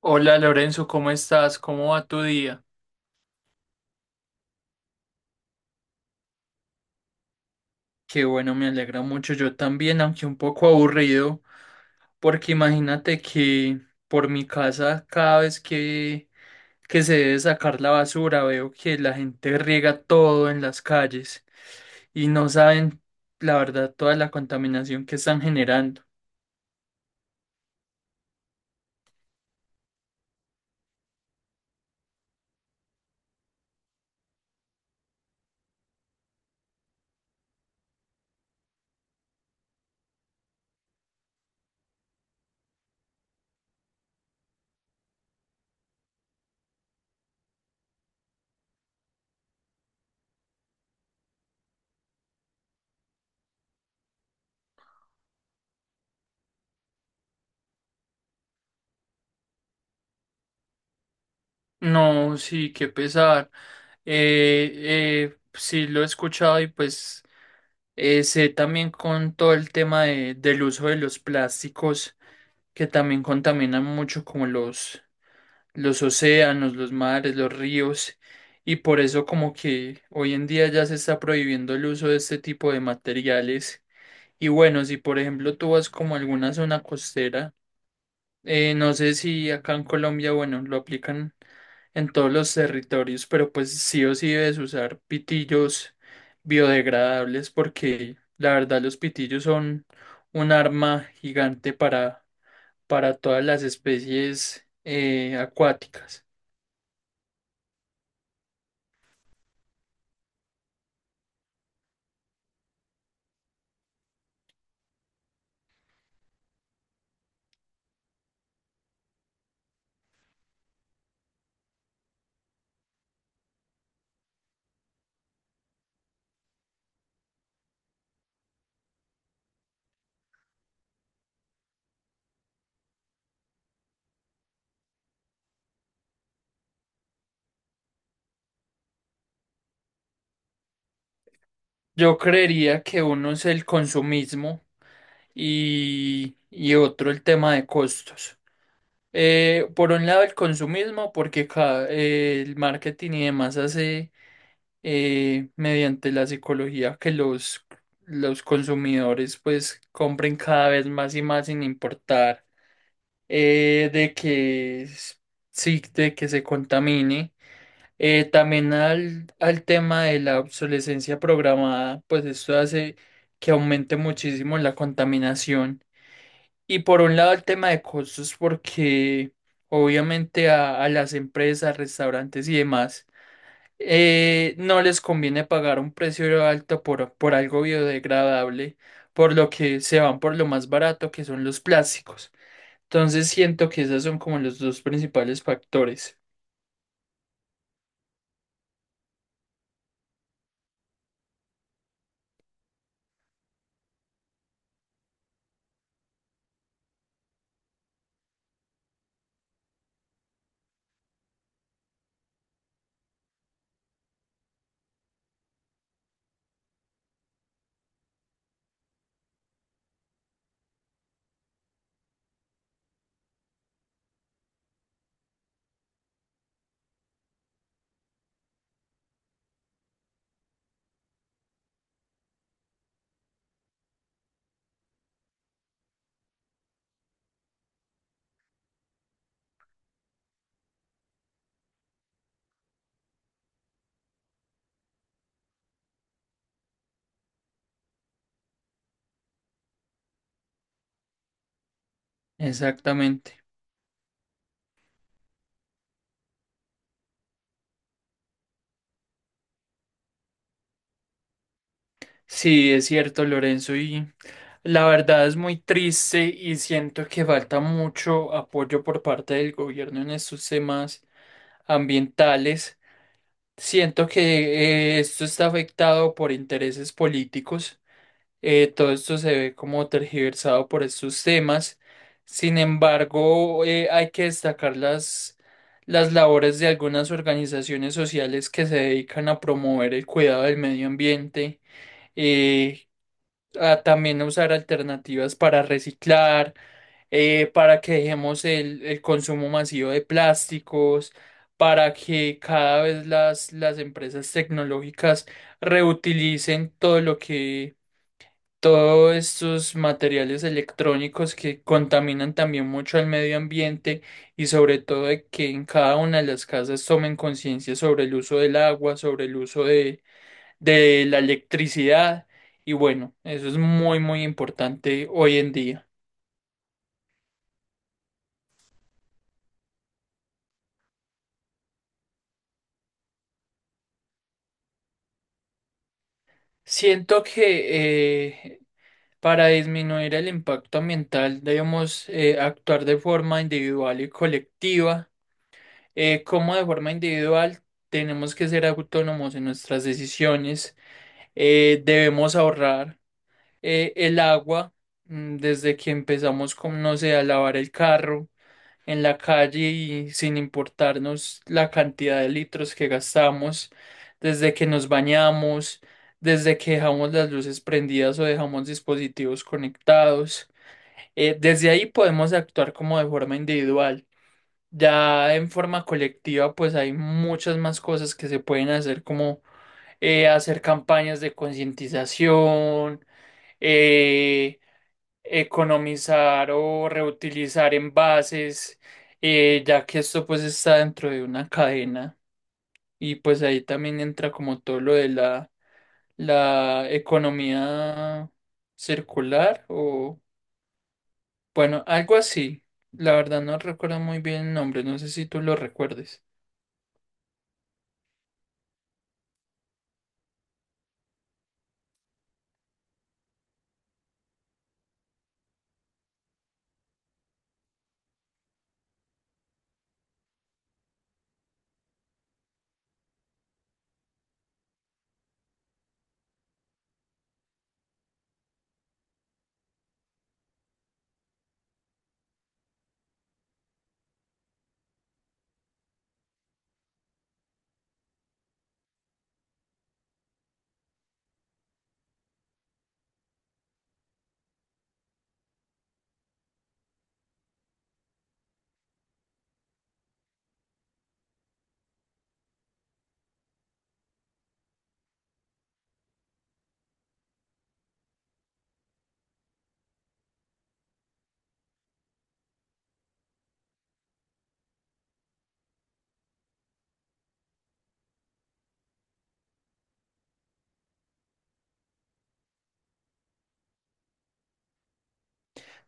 Hola Lorenzo, ¿cómo estás? ¿Cómo va tu día? Qué bueno, me alegra mucho. Yo también, aunque un poco aburrido, porque imagínate que por mi casa cada vez que se debe sacar la basura, veo que la gente riega todo en las calles y no saben, la verdad, toda la contaminación que están generando. No, sí, qué pesar. Eh, sí, lo he escuchado. Y pues sé también con todo el tema del uso de los plásticos, que también contaminan mucho, como los océanos, los mares, los ríos, y por eso como que hoy en día ya se está prohibiendo el uso de este tipo de materiales. Y bueno, si por ejemplo tú vas como a alguna zona costera, no sé si acá en Colombia, bueno, lo aplican en todos los territorios, pero pues sí o sí debes usar pitillos biodegradables, porque la verdad los pitillos son un arma gigante para todas las especies acuáticas. Yo creería que uno es el consumismo y otro el tema de costos. Por un lado el consumismo porque el marketing y demás hace, mediante la psicología, que los consumidores pues compren cada vez más y más sin importar, eh, de que s- sí, de que se contamine. También al tema de la obsolescencia programada, pues esto hace que aumente muchísimo la contaminación. Y por un lado el tema de costos, porque obviamente a las empresas, restaurantes y demás, no les conviene pagar un precio alto por algo biodegradable, por lo que se van por lo más barato, que son los plásticos. Entonces siento que esos son como los dos principales factores. Exactamente. Sí, es cierto, Lorenzo, y la verdad es muy triste, y siento que falta mucho apoyo por parte del gobierno en estos temas ambientales. Siento que esto está afectado por intereses políticos. Todo esto se ve como tergiversado por estos temas. Sin embargo, hay que destacar las labores de algunas organizaciones sociales que se dedican a promover el cuidado del medio ambiente, eh, a también usar alternativas para reciclar, para que dejemos el consumo masivo de plásticos, para que cada vez las empresas tecnológicas reutilicen todo lo que todos estos materiales electrónicos que contaminan también mucho al medio ambiente, y sobre todo de que en cada una de las casas tomen conciencia sobre el uso del agua, sobre el uso de la electricidad. Y bueno, eso es muy muy importante hoy en día. Siento que para disminuir el impacto ambiental debemos, actuar de forma individual y colectiva. Cómo de forma individual, tenemos que ser autónomos en nuestras decisiones, debemos ahorrar, el agua, desde que empezamos con, no sé, a lavar el carro en la calle y sin importarnos la cantidad de litros que gastamos, desde que nos bañamos, desde que dejamos las luces prendidas o dejamos dispositivos conectados. Desde ahí podemos actuar como de forma individual. Ya en forma colectiva, pues hay muchas más cosas que se pueden hacer, como hacer campañas de concientización, eh, economizar o reutilizar envases, ya que esto pues está dentro de una cadena, y pues ahí también entra como todo lo de la economía circular o bueno, algo así. La verdad no recuerdo muy bien el nombre, no sé si tú lo recuerdes.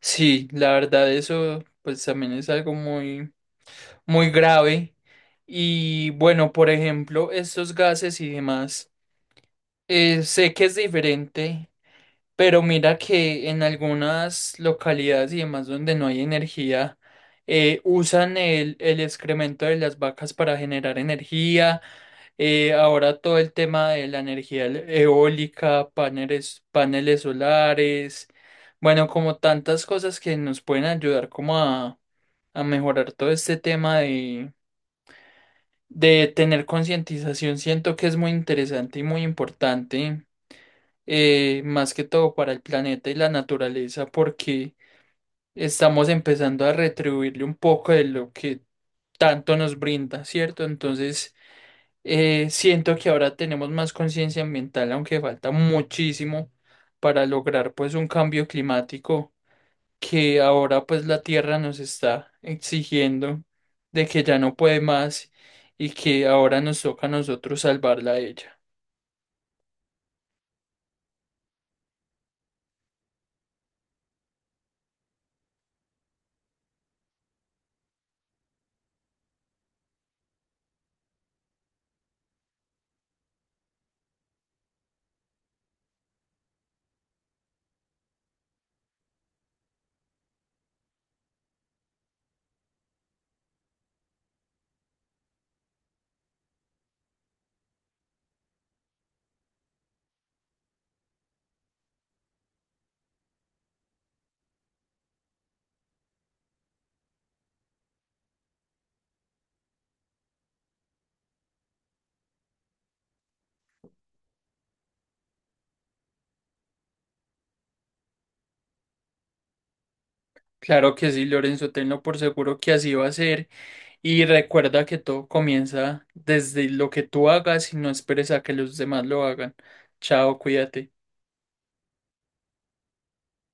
Sí, la verdad eso pues también es algo muy muy grave. Y bueno, por ejemplo, estos gases y demás, sé que es diferente, pero mira que en algunas localidades y demás donde no hay energía, usan el excremento de las vacas para generar energía. Ahora todo el tema de la energía eólica, paneles, paneles solares, bueno, como tantas cosas que nos pueden ayudar como a mejorar todo este tema de tener concientización. Siento que es muy interesante y muy importante, más que todo para el planeta y la naturaleza, porque estamos empezando a retribuirle un poco de lo que tanto nos brinda, ¿cierto? Entonces siento que ahora tenemos más conciencia ambiental, aunque falta muchísimo para lograr pues un cambio climático, que ahora pues la Tierra nos está exigiendo de que ya no puede más y que ahora nos toca a nosotros salvarla a ella. Claro que sí, Lorenzo, tenlo por seguro que así va a ser, y recuerda que todo comienza desde lo que tú hagas y no esperes a que los demás lo hagan. Chao, cuídate.